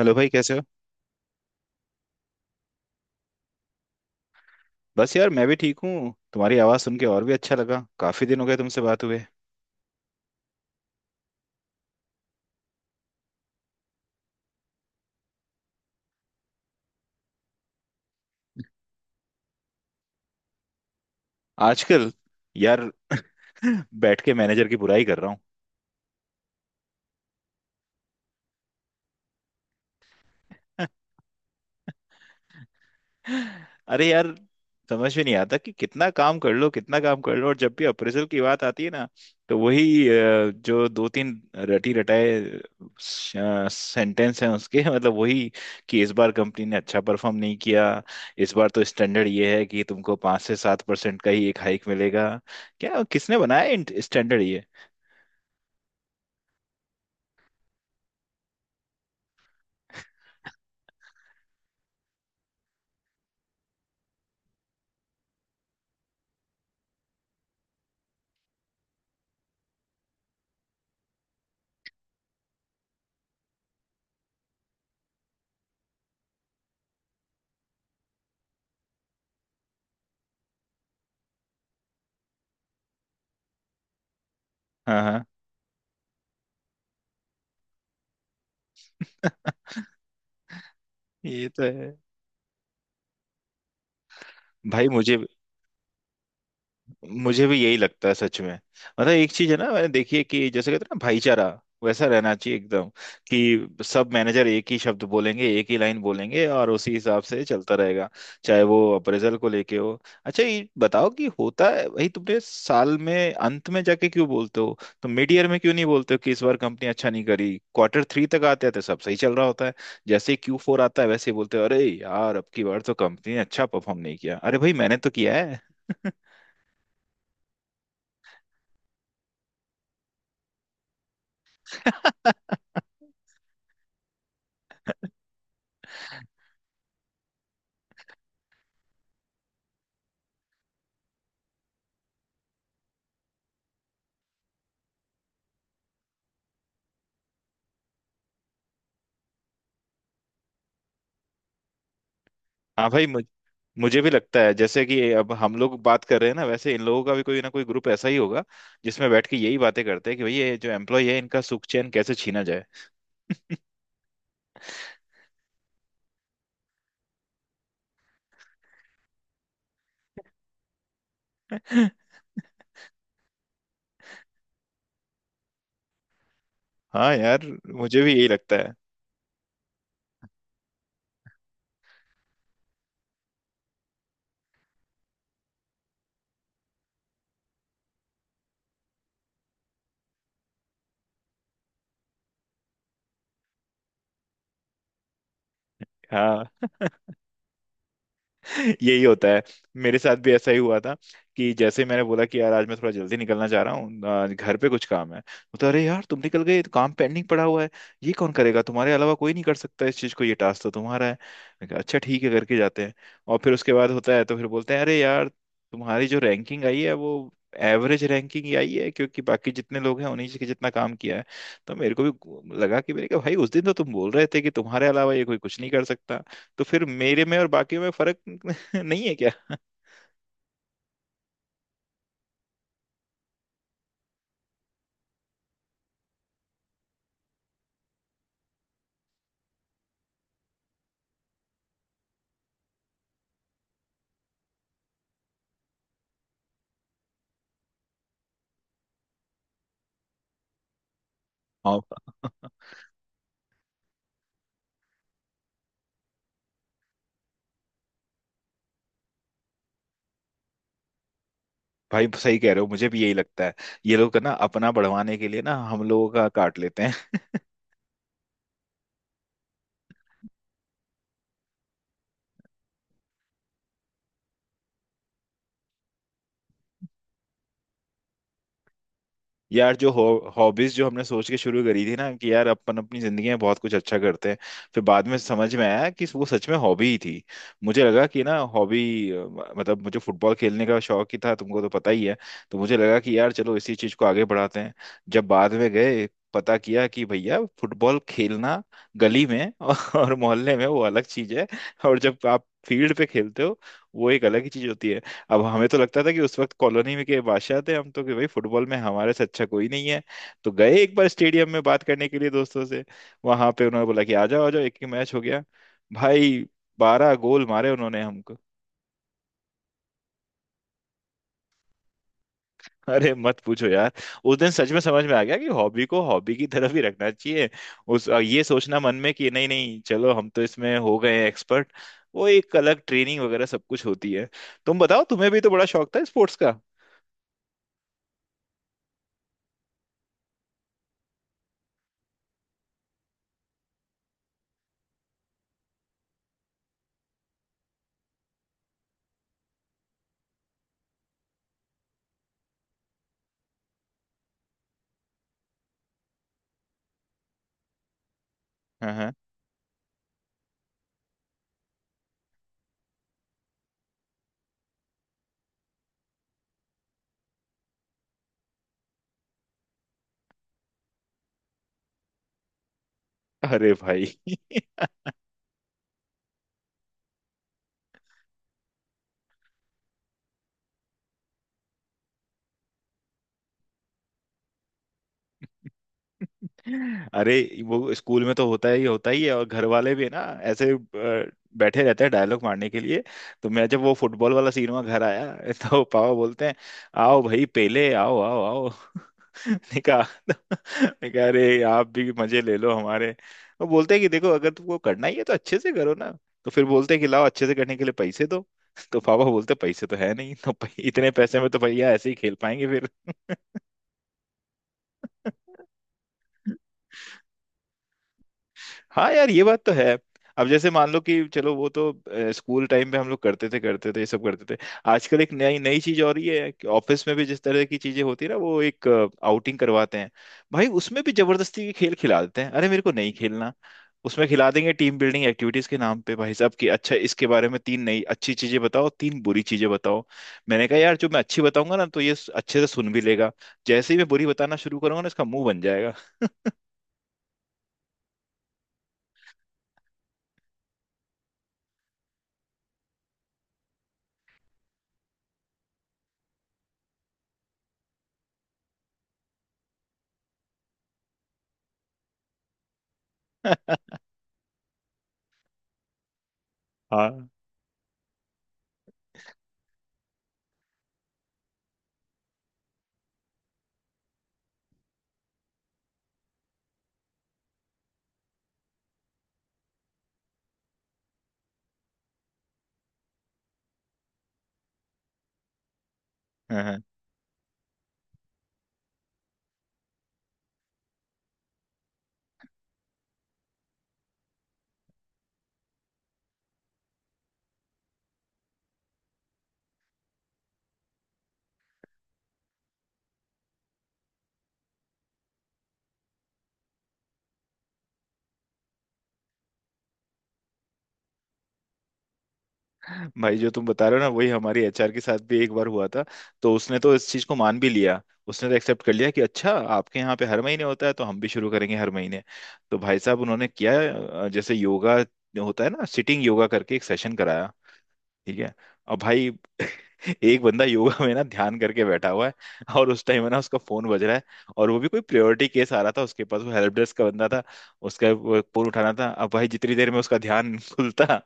Hello भाई, कैसे हो? बस यार, मैं भी ठीक हूँ। तुम्हारी आवाज़ सुन के और भी अच्छा लगा। काफी दिन हो गए तुमसे बात हुए। आजकल यार बैठ के मैनेजर की बुराई कर रहा हूँ। अरे यार, समझ में नहीं आता कि कितना काम कर लो कितना काम कर लो, और जब भी अप्रेजल की बात आती है ना तो वही जो दो तीन रटी रटाए सेंटेंस हैं उसके मतलब वही, कि इस बार कंपनी ने अच्छा परफॉर्म नहीं किया। इस बार तो स्टैंडर्ड ये है कि तुमको 5 से 7% का ही एक हाइक मिलेगा। क्या, किसने बनाया स्टैंडर्ड ये? हाँ, हाँ। ये तो है। भाई मुझे मुझे भी यही लगता है सच में। मतलब एक चीज है ना, मैंने देखी है कि जैसे कहते हैं ना भाईचारा, वैसा रहना चाहिए एकदम। कि सब मैनेजर एक ही शब्द बोलेंगे, एक ही लाइन बोलेंगे, और उसी हिसाब से चलता रहेगा। चाहे वो अप्रेजल को लेके हो। अच्छा ये बताओ कि होता है भाई, तुमने साल में अंत में जाके क्यों बोलते हो? तुम मिड ईयर में क्यों नहीं बोलते हो कि इस बार कंपनी अच्छा नहीं करी? क्वार्टर 3 तक आते आते सब सही चल रहा होता है। जैसे Q4 आता है वैसे ही बोलते हो, अरे यार अब की बार तो कंपनी ने अच्छा परफॉर्म नहीं किया। अरे भाई, मैंने तो किया है। हाँ भाई, मुझे भी लगता है जैसे कि अब हम लोग बात कर रहे हैं ना, वैसे इन लोगों का भी कोई ना कोई ग्रुप ऐसा ही होगा जिसमें बैठ के यही बातें करते हैं कि भाई ये जो एम्प्लॉय है इनका सुख चैन कैसे छीना जाए। हाँ यार, मुझे भी यही लगता है। हाँ, यही होता है। मेरे साथ भी ऐसा ही हुआ था। कि जैसे मैंने बोला कि यार, आज मैं थोड़ा जल्दी निकलना चाह रहा हूँ, घर पे कुछ काम है। तो अरे यार तुम निकल गए, ये तो काम पेंडिंग पड़ा हुआ है। ये कौन करेगा? तुम्हारे अलावा कोई नहीं कर सकता इस चीज को, ये टास्क तो तुम्हारा है। मैं कहा, अच्छा ठीक है, करके जाते हैं। और फिर उसके बाद होता है तो फिर बोलते हैं, अरे यार तुम्हारी जो रैंकिंग आई है वो एवरेज रैंकिंग ही आई है, क्योंकि बाकी जितने लोग हैं उन्हीं के जितना काम किया है। तो मेरे को भी लगा कि, मेरे कहा भाई उस दिन तो तुम बोल रहे थे कि तुम्हारे अलावा ये कोई कुछ नहीं कर सकता। तो फिर मेरे में और बाकी में फर्क नहीं है क्या? हाँ भाई, सही कह रहे हो, मुझे भी यही लगता है। ये लोग ना, अपना बढ़वाने के लिए ना, हम लोगों का काट लेते हैं। यार जो हॉबीज जो हमने सोच के शुरू करी थी ना, कि यार अपन अपनी जिंदगी में बहुत कुछ अच्छा करते हैं, फिर बाद में समझ में आया कि वो सच में हॉबी ही थी। मुझे लगा कि ना हॉबी, मतलब मुझे फुटबॉल खेलने का शौक ही था तुमको तो पता ही है। तो मुझे लगा कि यार चलो इसी चीज को आगे बढ़ाते हैं। जब बाद में गए, पता किया कि भैया फुटबॉल खेलना गली में और मोहल्ले में वो अलग चीज है, और जब आप फील्ड पे खेलते हो वो एक अलग ही चीज होती है। अब हमें तो लगता था कि उस वक्त कॉलोनी में के बादशाह थे हम, तो कि भाई फुटबॉल में हमारे से अच्छा कोई नहीं है। तो गए एक बार स्टेडियम में बात करने के लिए दोस्तों से, वहां पे उन्होंने बोला कि आ जाओ एक ही मैच हो गया। भाई, 12 गोल मारे उन्होंने हमको। अरे मत पूछो यार, उस दिन सच में समझ में आ गया कि हॉबी को हॉबी की तरफ ही रखना चाहिए। उस ये सोचना मन में कि नहीं नहीं चलो हम तो इसमें हो गए हैं एक्सपर्ट, वो एक अलग ट्रेनिंग वगैरह सब कुछ होती है। तुम बताओ, तुम्हें भी तो बड़ा शौक था स्पोर्ट्स का। हाँ हाँ। अरे भाई। अरे वो स्कूल में तो होता ही है, और घर वाले भी है ना, ऐसे बैठे रहते हैं डायलॉग मारने के लिए। तो मैं जब वो फुटबॉल वाला सीन हुआ घर आया तो पापा बोलते हैं, आओ भाई पेले, आओ आओ आओ। निकाह, निकाह। अरे आप भी मजे ले लो हमारे। वो बोलते हैं कि देखो अगर तुमको करना ही है तो अच्छे से करो ना। तो फिर बोलते हैं कि लाओ अच्छे से करने के लिए पैसे दो। तो पापा बोलते हैं, पैसे तो है नहीं तो, इतने पैसे में तो भैया ऐसे ही खेल पाएंगे फिर। हाँ यार, ये बात तो है। अब जैसे मान लो कि चलो, वो तो स्कूल टाइम पे हम लोग करते थे, करते थे ये सब करते थे। आजकल एक नई नई चीज हो रही है कि ऑफिस में भी जिस तरह की चीजें होती है ना, वो एक आउटिंग करवाते हैं। भाई उसमें भी जबरदस्ती के खेल खिला देते हैं। अरे मेरे को नहीं खेलना, उसमें खिला देंगे। टीम बिल्डिंग एक्टिविटीज के नाम पे भाई साहब, कि अच्छा इसके बारे में तीन नई अच्छी चीजें बताओ, तीन बुरी चीजें बताओ। मैंने कहा यार, जो मैं अच्छी बताऊंगा ना तो ये अच्छे से सुन भी लेगा, जैसे ही मैं बुरी बताना शुरू करूंगा ना इसका मुंह बन जाएगा। हाँ भाई, जो तुम बता रहे हो ना वही हमारी एचआर के साथ भी एक बार हुआ था। तो उसने तो इस चीज को मान भी लिया, उसने तो एक्सेप्ट कर लिया कि अच्छा आपके यहाँ पे हर महीने होता है तो हम भी शुरू करेंगे हर महीने। तो भाई साहब उन्होंने किया, जैसे योगा होता है ना, सिटिंग योगा करके एक सेशन कराया। ठीक है। अब भाई एक बंदा योगा में ना ध्यान करके बैठा हुआ है, और उस टाइम है ना उसका फोन बज रहा है, और वो भी कोई प्रायोरिटी केस आ रहा था उसके पास। वो हेल्प डेस्क का बंदा था, उसका वो फोन उठाना था। अब भाई जितनी देर में उसका ध्यान खुलता,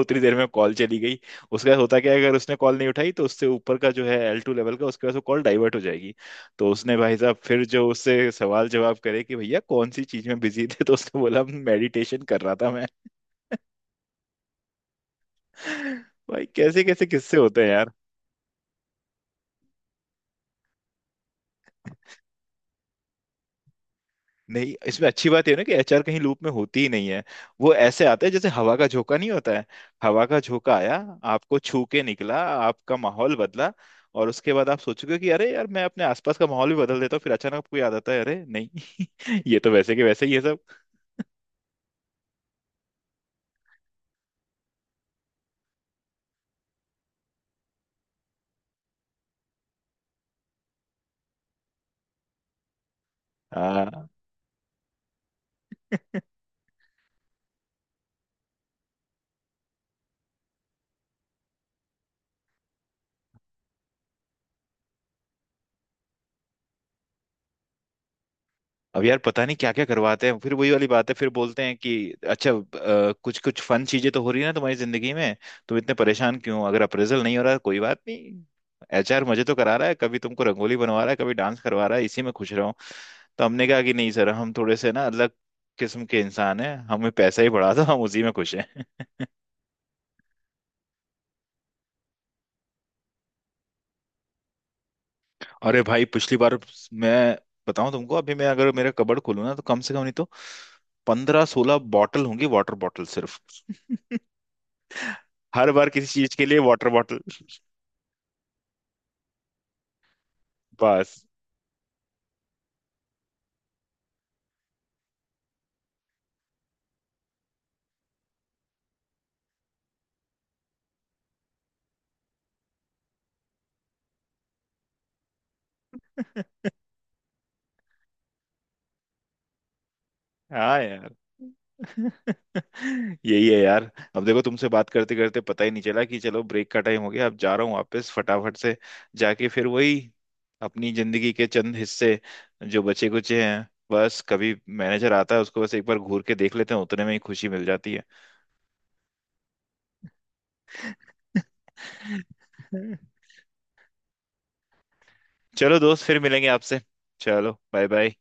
उतनी देर में कॉल चली गई। उसके साथ होता क्या है, अगर उसने कॉल नहीं उठाई तो उससे ऊपर का जो है L2 लेवल का, उसके पास वो कॉल डाइवर्ट हो जाएगी। तो उसने भाई साहब फिर जो उससे सवाल जवाब करे कि भैया कौन सी चीज में बिजी थे, तो उसने बोला मेडिटेशन कर रहा था मैं। भाई, कैसे कैसे किस्से होते हैं। नहीं, इसमें अच्छी बात ये है ना कि एचआर कहीं लूप में होती ही नहीं है। वो ऐसे आते हैं जैसे हवा का झोंका, नहीं होता है, हवा का झोंका आया, आपको छू के निकला, आपका माहौल बदला, और उसके बाद आप सोचोगे कि अरे यार मैं अपने आसपास का माहौल भी बदल देता हूँ, फिर अचानक आपको याद आता है अरे नहीं, ये तो वैसे के वैसे ही है सब। हाँ। अब यार पता नहीं क्या क्या करवाते हैं, फिर वही वाली बात है, फिर बोलते हैं कि अच्छा, कुछ कुछ फन चीजें तो हो रही है ना तुम्हारी जिंदगी में, तुम इतने परेशान क्यों हो? अगर अप्रेजल नहीं हो रहा कोई बात नहीं, एचआर मजे तो करा रहा है, कभी तुमको रंगोली बनवा रहा है, कभी डांस करवा रहा है, इसी में खुश रहो। तो हमने कहा कि नहीं सर, हम थोड़े से ना अलग किस्म के इंसान हैं, हमें पैसा ही बढ़ा था, हम उसी में खुश हैं। अरे भाई, पिछली बार मैं बताऊं तुमको, अभी मैं अगर मेरा कबर्ड खोलूँ ना, तो कम से कम नहीं तो 15-16 बॉटल होंगी, वाटर बॉटल सिर्फ। हर बार किसी चीज के लिए वाटर बॉटल। बस। हाँ यार। यही है यार। अब देखो, तुमसे बात करते करते पता ही नहीं चला कि चलो ब्रेक का टाइम हो गया। अब जा रहा हूँ वापस फटाफट से, जाके फिर वही अपनी जिंदगी के चंद हिस्से जो बचे कुचे हैं, बस कभी मैनेजर आता है उसको बस एक बार घूर के देख लेते हैं, उतने में ही खुशी मिल जाती है। चलो दोस्त, फिर मिलेंगे आपसे। चलो, बाय बाय।